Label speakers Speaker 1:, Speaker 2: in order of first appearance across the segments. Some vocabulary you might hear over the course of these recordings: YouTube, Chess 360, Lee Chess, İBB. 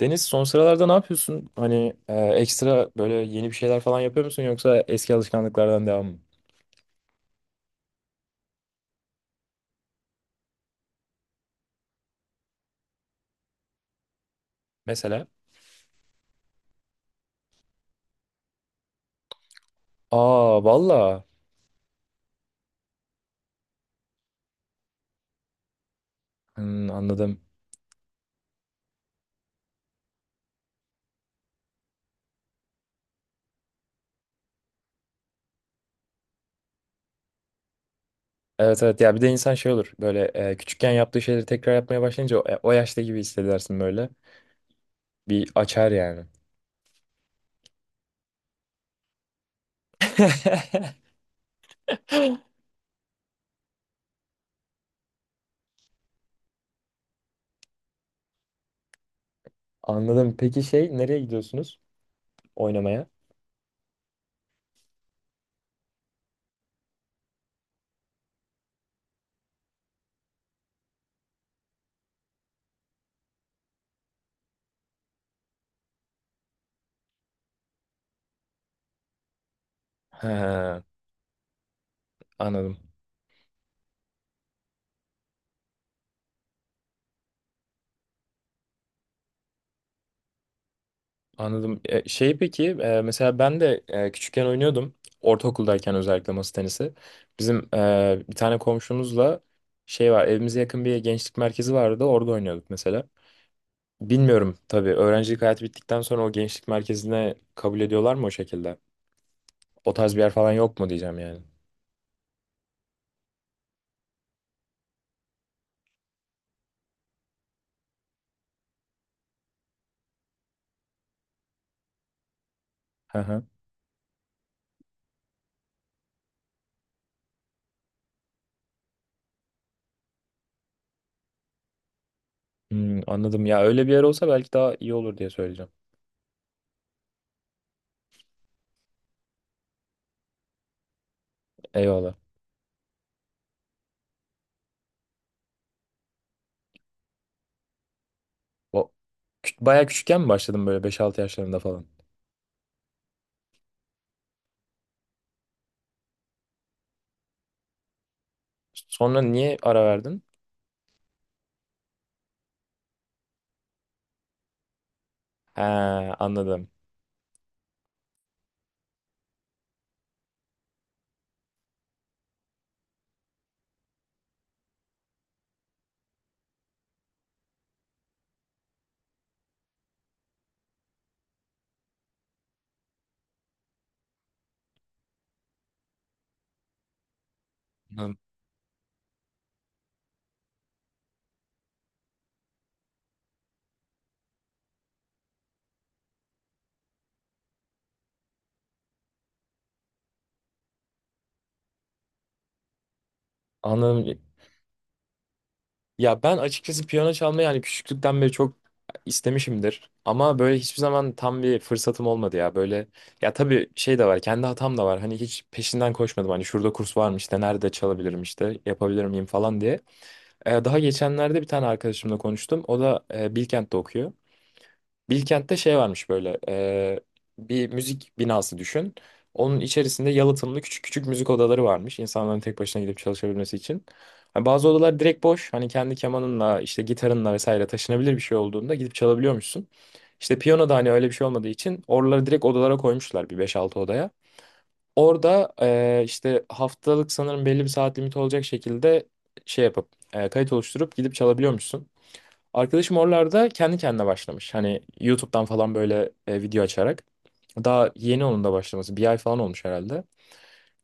Speaker 1: Deniz son sıralarda ne yapıyorsun? Hani ekstra böyle yeni bir şeyler falan yapıyor musun yoksa eski alışkanlıklardan devam mı? Mesela? Aa valla. Hmm, anladım. Evet evet, ya bir de insan şey olur böyle küçükken yaptığı şeyleri tekrar yapmaya başlayınca o, o yaşta gibi hissedersin böyle. Bir açar yani. Anladım. Peki şey, nereye gidiyorsunuz oynamaya? He, anladım. Anladım. Şey, peki mesela ben de küçükken oynuyordum. Ortaokuldayken özellikle masa tenisi. Bizim bir tane komşumuzla şey var, evimize yakın bir gençlik merkezi vardı, orada oynuyorduk mesela. Bilmiyorum tabii, öğrencilik hayatı bittikten sonra o gençlik merkezine kabul ediyorlar mı o şekilde? O tarz bir yer falan yok mu diyeceğim yani. Hı hı. Hmm, anladım, ya öyle bir yer olsa belki daha iyi olur diye söyleyeceğim. Eyvallah. O, bayağı küçükken mi başladın böyle beş altı yaşlarında falan? Sonra niye ara verdin? He, anladım. Anladım. Anladım. Ya ben açıkçası piyano çalmayı yani küçüklükten beri çok istemişimdir. Ama böyle hiçbir zaman tam bir fırsatım olmadı ya. Böyle, ya tabii şey de var, kendi hatam da var. Hani hiç peşinden koşmadım. Hani şurada kurs varmış, işte nerede çalabilirim, işte yapabilir miyim falan diye. Daha geçenlerde bir tane arkadaşımla konuştum. O da Bilkent'te okuyor. Bilkent'te şey varmış böyle, bir müzik binası düşün. Onun içerisinde yalıtımlı küçük küçük müzik odaları varmış. İnsanların tek başına gidip çalışabilmesi için. Hani bazı odalar direkt boş. Hani kendi kemanınla, işte gitarınla vesaire, taşınabilir bir şey olduğunda gidip çalabiliyormuşsun. İşte piyano da hani öyle bir şey olmadığı için oraları direkt odalara koymuşlar, bir beş altı odaya. Orada işte haftalık, sanırım belli bir saat limiti olacak şekilde şey yapıp kayıt oluşturup gidip çalabiliyormuşsun. Arkadaşım oralarda kendi kendine başlamış. Hani YouTube'dan falan böyle video açarak. Daha yeni onun da başlaması. Bir ay falan olmuş herhalde.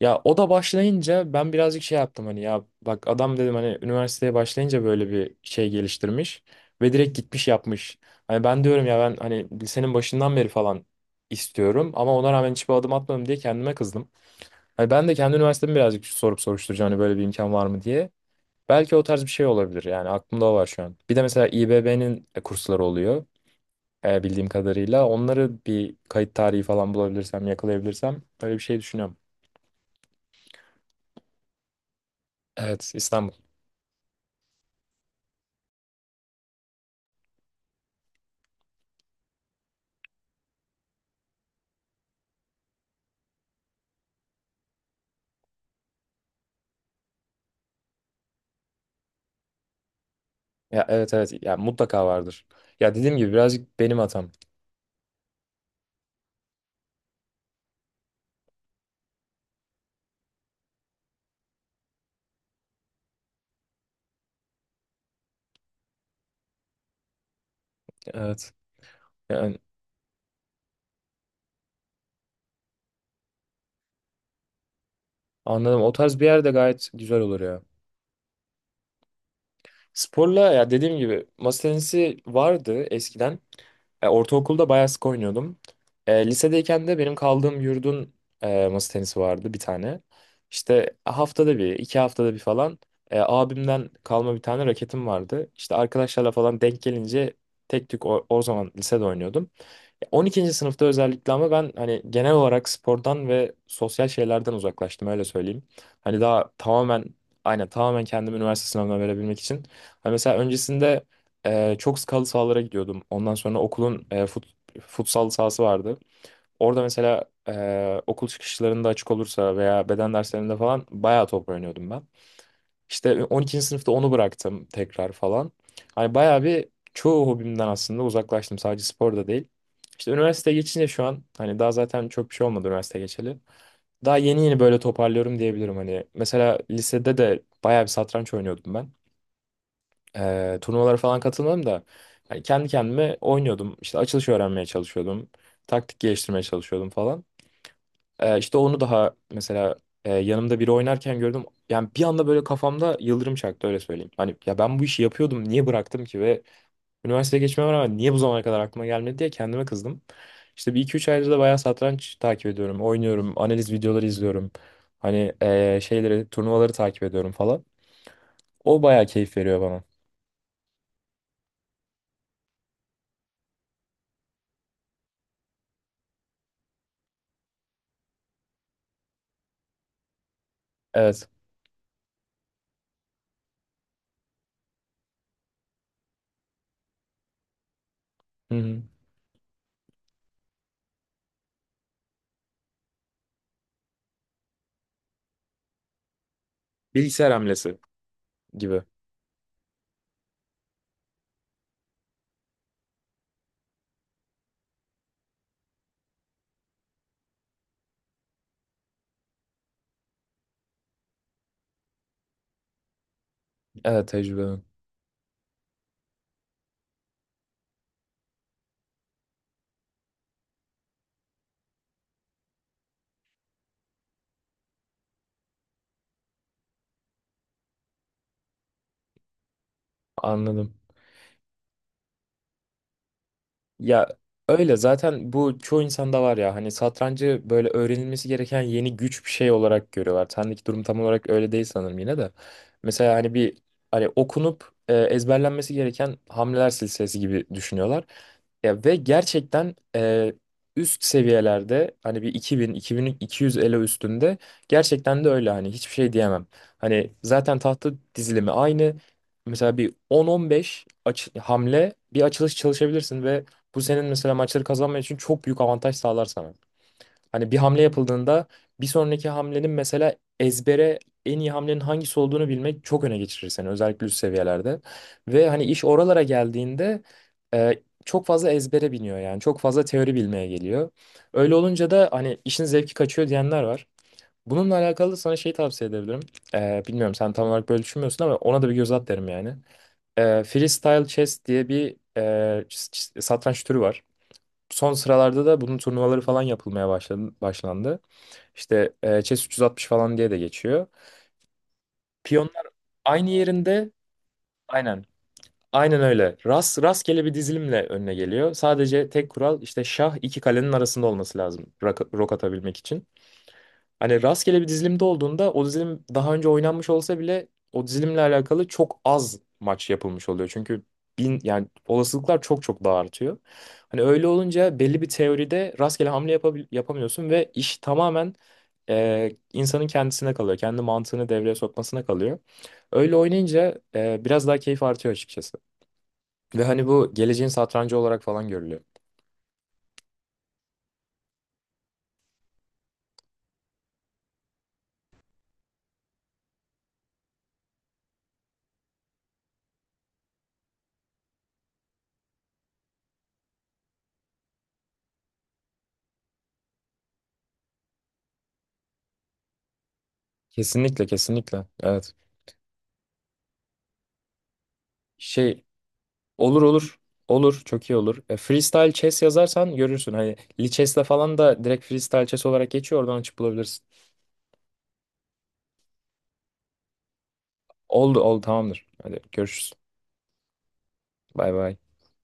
Speaker 1: Ya o da başlayınca ben birazcık şey yaptım, hani ya bak adam dedim, hani üniversiteye başlayınca böyle bir şey geliştirmiş ve direkt gitmiş yapmış. Hani ben diyorum ya, ben hani lisenin başından beri falan istiyorum ama ona rağmen hiçbir adım atmadım diye kendime kızdım. Hani ben de kendi üniversitemi birazcık sorup soruşturacağım, hani böyle bir imkan var mı diye. Belki o tarz bir şey olabilir, yani aklımda o var şu an. Bir de mesela İBB'nin kursları oluyor, bildiğim kadarıyla. Onları bir kayıt tarihi falan bulabilirsem, yakalayabilirsem öyle bir şey düşünüyorum. Evet, İstanbul. Ya evet evet, ya mutlaka vardır. Ya dediğim gibi birazcık benim hatam. Evet. Yani anladım. O tarz bir yerde gayet güzel olur ya. Sporla ya dediğim gibi, masa tenisi vardı eskiden. Ortaokulda bayağı sık oynuyordum. Lisedeyken de benim kaldığım yurdun masa tenisi vardı bir tane. İşte haftada bir, iki haftada bir falan abimden kalma bir tane raketim vardı. İşte arkadaşlarla falan denk gelince tek tük o, o zaman lisede oynuyordum. 12. sınıfta özellikle, ama ben hani genel olarak spordan ve sosyal şeylerden uzaklaştım öyle söyleyeyim. Hani daha tamamen, aynen, tamamen kendimi üniversite sınavına verebilmek için. Hani mesela öncesinde çok skalı sahalara gidiyordum. Ondan sonra okulun futsal sahası vardı. Orada mesela okul çıkışlarında açık olursa veya beden derslerinde falan bayağı top oynuyordum ben. İşte 12. sınıfta onu bıraktım tekrar falan. Hani bayağı bir çoğu hobimden aslında uzaklaştım. Sadece spor da değil. İşte üniversiteye geçince şu an hani daha zaten çok bir şey olmadı üniversite geçeli. Daha yeni yeni böyle toparlıyorum diyebilirim hani. Mesela lisede de bayağı bir satranç oynuyordum ben, turnuvalara falan katılmadım da yani kendi kendime oynuyordum. İşte açılış öğrenmeye çalışıyordum. Taktik geliştirmeye çalışıyordum falan. İşte onu daha mesela yanımda biri oynarken gördüm. Yani bir anda böyle kafamda yıldırım çaktı öyle söyleyeyim. Hani ya ben bu işi yapıyordum, niye bıraktım ki ve üniversiteye geçmeme rağmen niye bu zamana kadar aklıma gelmedi diye kendime kızdım. İşte bir iki üç aydır da bayağı satranç takip ediyorum, oynuyorum, analiz videoları izliyorum. Hani şeyleri, turnuvaları takip ediyorum falan. O bayağı keyif veriyor bana. Evet. Bilgisayar hamlesi gibi. Evet, tecrübe. Anladım. Ya öyle zaten, bu çoğu insanda var ya, hani satrancı böyle öğrenilmesi gereken yeni güç bir şey olarak görüyorlar. Sendeki durum tam olarak öyle değil sanırım yine de. Mesela hani bir, hani okunup ezberlenmesi gereken hamleler silsilesi gibi düşünüyorlar. Ya ve gerçekten üst seviyelerde hani bir 2000 2200 ele üstünde gerçekten de öyle, hani hiçbir şey diyemem. Hani zaten tahta dizilimi aynı. Mesela bir 10-15 hamle bir açılış çalışabilirsin ve bu senin mesela maçları kazanman için çok büyük avantaj sağlar sana. Hani bir hamle yapıldığında bir sonraki hamlenin mesela ezbere en iyi hamlenin hangisi olduğunu bilmek çok öne geçirir seni, özellikle üst seviyelerde. Ve hani iş oralara geldiğinde e, çok fazla ezbere biniyor, yani çok fazla teori bilmeye geliyor. Öyle olunca da hani işin zevki kaçıyor diyenler var. Bununla alakalı sana şey tavsiye edebilirim. Bilmiyorum, sen tam olarak böyle düşünmüyorsun ama ona da bir göz at derim yani. Freestyle chess diye bir satranç türü var, son sıralarda da bunun turnuvaları falan yapılmaya başladı, başlandı. İşte Chess 360 falan diye de geçiyor. Piyonlar aynı yerinde, aynen, aynen öyle. Rast, rastgele bir dizilimle önüne geliyor. Sadece tek kural işte, şah iki kalenin arasında olması lazım rok atabilmek için. Hani rastgele bir dizilimde olduğunda o dizilim daha önce oynanmış olsa bile o dizilimle alakalı çok az maç yapılmış oluyor. Çünkü bin, yani olasılıklar çok çok daha artıyor. Hani öyle olunca belli bir teoride rastgele hamle yapamıyorsun ve iş tamamen insanın kendisine kalıyor. Kendi mantığını devreye sokmasına kalıyor. Öyle oynayınca biraz daha keyif artıyor açıkçası. Ve hani bu geleceğin satrancı olarak falan görülüyor. Kesinlikle, kesinlikle. Evet. Şey. Olur, olur. Olur. Çok iyi olur. Freestyle chess yazarsan görürsün. Hani Lee Chess'le falan da direkt freestyle chess olarak geçiyor. Oradan açıp bulabilirsin. Oldu, oldu, tamamdır. Hadi görüşürüz. Bay bay.